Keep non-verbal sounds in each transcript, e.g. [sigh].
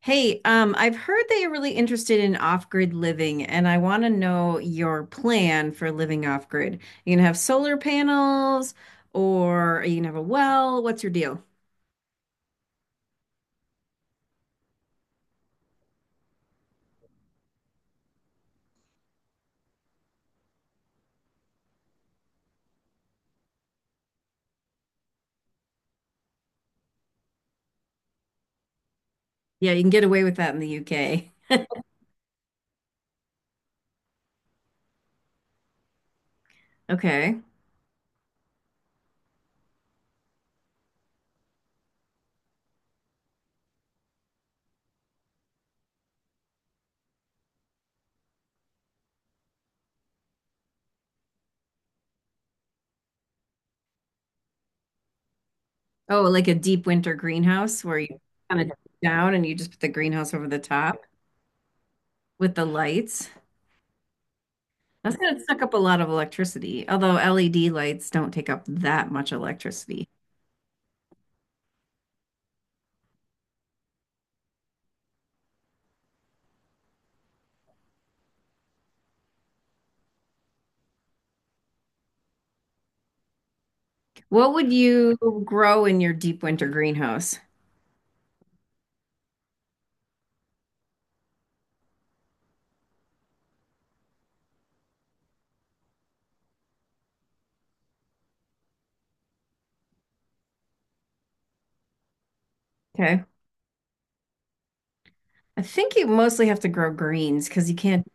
Hey, I've heard that you're really interested in off-grid living, and I want to know your plan for living off-grid. You gonna have solar panels, or are you gonna have a well? What's your deal? Yeah, you can get away with that in the UK. Okay. Oh, like a deep winter greenhouse where you kind of down and you just put the greenhouse over the top with the lights. That's gonna suck up a lot of electricity, although LED lights don't take up that much electricity. What would you grow in your deep winter greenhouse? Okay. I think you mostly have to grow greens because you can't,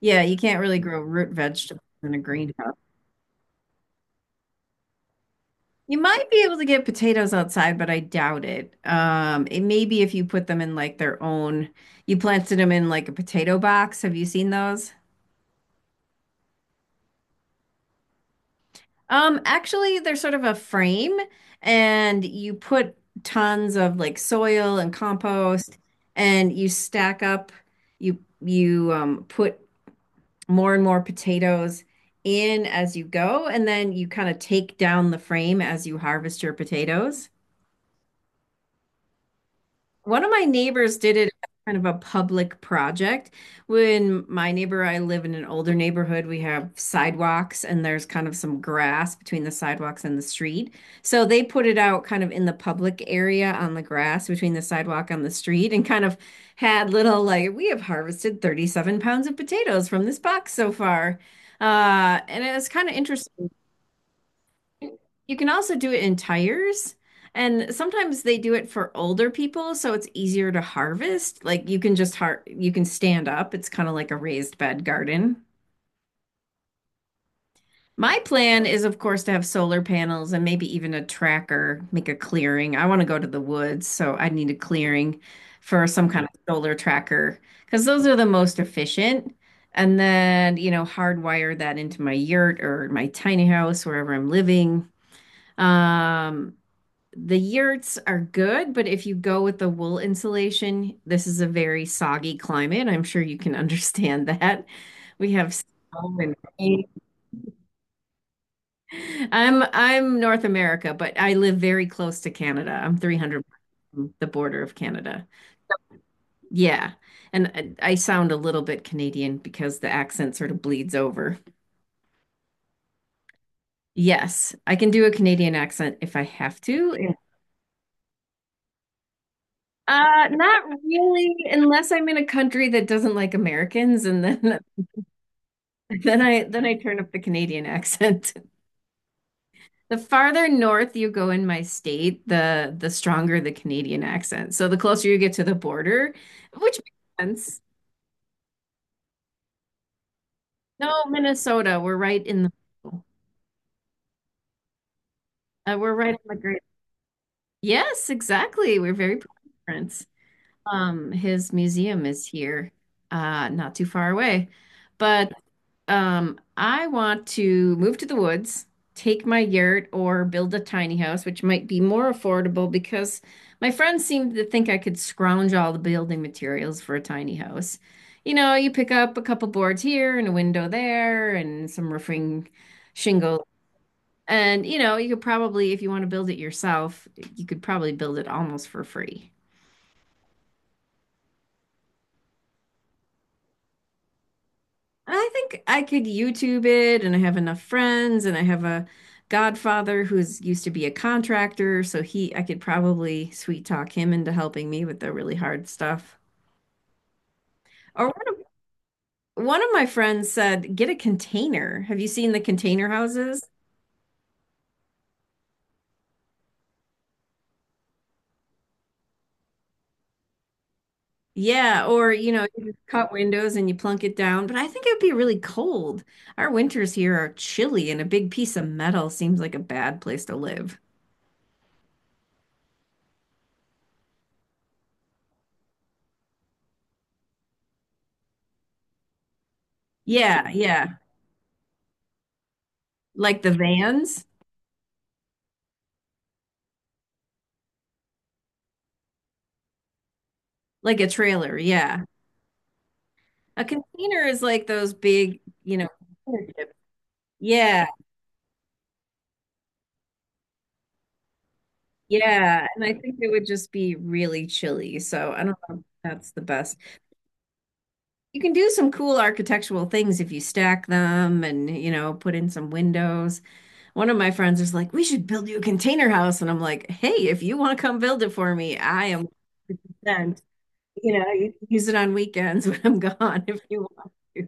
yeah, you can't really grow root vegetables in a greenhouse. You might be able to get potatoes outside, but I doubt it. It may be if you put them in like their own, you planted them in like a potato box. Have you seen those? Actually, they're sort of a frame and you put tons of like soil and compost and you stack up, you put more and more potatoes in as you go, and then you kind of take down the frame as you harvest your potatoes. One of my neighbors did it as kind of a public project. When my neighbor, I live in an older neighborhood, we have sidewalks and there's kind of some grass between the sidewalks and the street. So they put it out kind of in the public area on the grass between the sidewalk and the street and kind of had little like, we have harvested 37 pounds of potatoes from this box so far. And it was kind of interesting. You can also do it in tires, and sometimes they do it for older people, so it's easier to harvest. Like you can just har you can stand up. It's kind of like a raised bed garden. My plan is, of course, to have solar panels and maybe even a tracker, make a clearing. I want to go to the woods, so I need a clearing for some kind Yeah. of solar tracker because those are the most efficient. And then, you know, hardwire that into my yurt or my tiny house, wherever I'm living. Um, the yurts are good, but if you go with the wool insulation, this is a very soggy climate. I'm sure you can [laughs] understand that. We have snow and rain. I'm North America, but I live very close to Canada. I'm 300 from the border of Canada. Yeah. And I sound a little bit Canadian because the accent sort of bleeds over. Yes, I can do a Canadian accent if I have to. Yeah. Not really, unless I'm in a country that doesn't like Americans, and then then I turn up the Canadian accent. [laughs] The farther north you go in my state, the stronger the Canadian accent. So the closer you get to the border, which makes sense. No, Minnesota, we're right on the great. Yes, exactly. We're very proud of Prince. His museum is here, not too far away. But I want to move to the woods, take my yurt, or build a tiny house, which might be more affordable because my friends seem to think I could scrounge all the building materials for a tiny house. You know, you pick up a couple boards here and a window there and some roofing shingle. And, you know, you could probably, if you want to build it yourself, you could probably build it almost for free. I think I could YouTube it, and I have enough friends, and I have a godfather who's used to be a contractor, so he I could probably sweet talk him into helping me with the really hard stuff. Or one of my friends said, get a container. Have you seen the container houses? Yeah, or you know, you just cut windows and you plunk it down, but I think it would be really cold. Our winters here are chilly, and a big piece of metal seems like a bad place to live. Yeah, yeah. Like the vans, like a trailer. Yeah. A container is like those big, you know, container ships. Yeah, yeah. And I think it would just be really chilly. So I don't know if that's the best. You can do some cool architectural things if you stack them and, you know, put in some windows. One of my friends is like, we should build you a container house. And I'm like, hey, if you want to come build it for me, I am 100%. You know, you can use it on weekends [laughs] when I'm gone if you want to.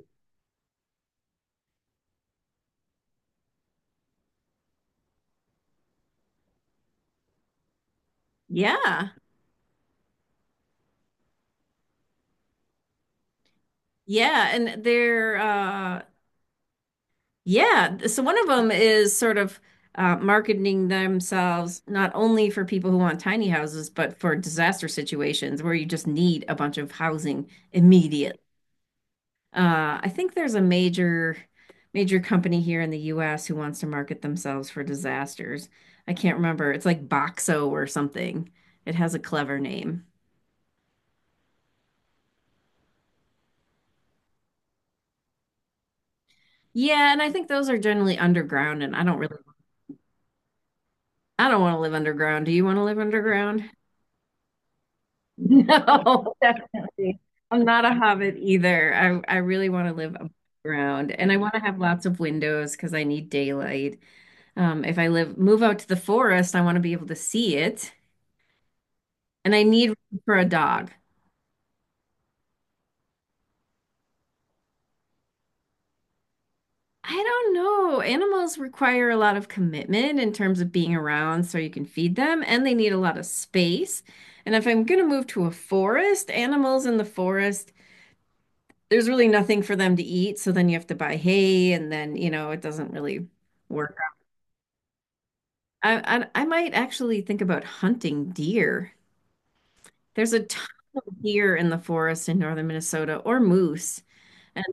Yeah. Yeah, and they're Yeah. So one of them is sort of marketing themselves not only for people who want tiny houses, but for disaster situations where you just need a bunch of housing immediate. I think there's a major, major company here in the US who wants to market themselves for disasters. I can't remember. It's like Boxo or something. It has a clever name. Yeah, and I think those are generally underground, and I don't really, I don't want to live underground. Do you want to live underground? No, [laughs] definitely. I'm not a hobbit either. I really want to live above ground and I want to have lots of windows because I need daylight. If I live move out to the forest, I want to be able to see it and I need room for a dog. I don't know. Animals require a lot of commitment in terms of being around so you can feed them and they need a lot of space. And if I'm going to move to a forest, animals in the forest there's really nothing for them to eat, so then you have to buy hay, and then you know it doesn't really work. I might actually think about hunting deer. There's a ton of deer in the forest in northern Minnesota, or moose, and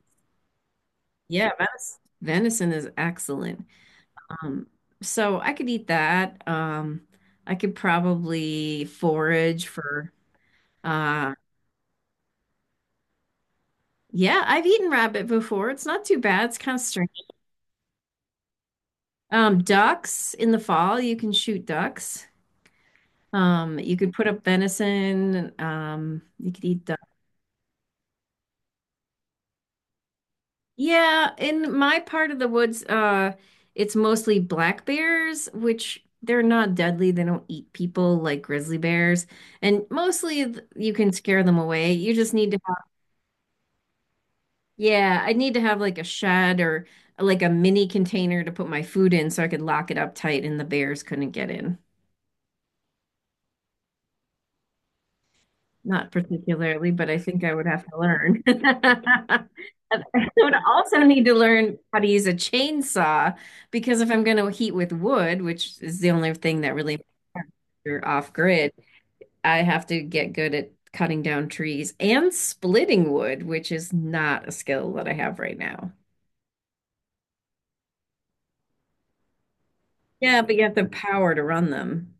yeah, venison is excellent. Um, so I could eat that. I could probably forage for. Uh, yeah, I've eaten rabbit before. It's not too bad. It's kind of strange. Ducks in the fall, you can shoot ducks. You could put up venison. You could eat duck. Yeah, in my part of the woods, it's mostly black bears, which they're not deadly. They don't eat people like grizzly bears, and mostly you can scare them away. You just need to have, yeah, I need to have like a shed or like a mini container to put my food in so I could lock it up tight and the bears couldn't get in. Not particularly, but I think I would have to learn. [laughs] I would also need to learn how to use a chainsaw because if I'm going to heat with wood, which is the only thing that really you're off grid, I have to get good at cutting down trees and splitting wood, which is not a skill that I have right now. Yeah, but you have the power to run them.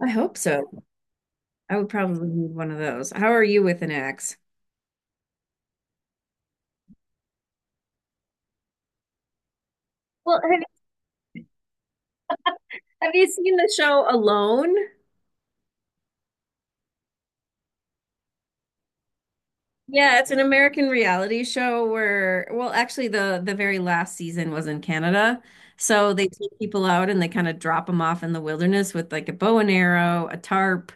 I hope so. I would probably need one of those. How are you with an axe? Well, have you seen the show Alone? Yeah, it's an American reality show where, well, actually the very last season was in Canada. So they take people out and they kind of drop them off in the wilderness with like a bow and arrow, a tarp,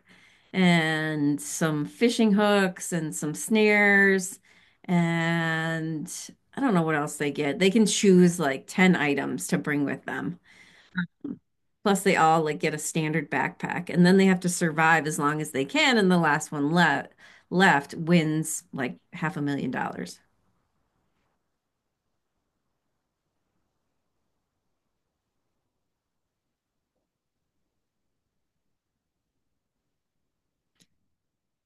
and some fishing hooks and some snares. And I don't know what else they get. They can choose like 10 items to bring with them. Plus, they all like get a standard backpack, and then they have to survive as long as they can, and the last one left left wins like half $1 million.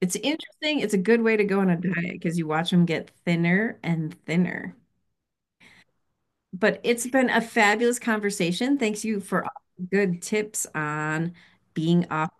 It's interesting. It's a good way to go on a diet because you watch them get thinner and thinner. But it's been a fabulous conversation. Thanks you for all the good tips on being off.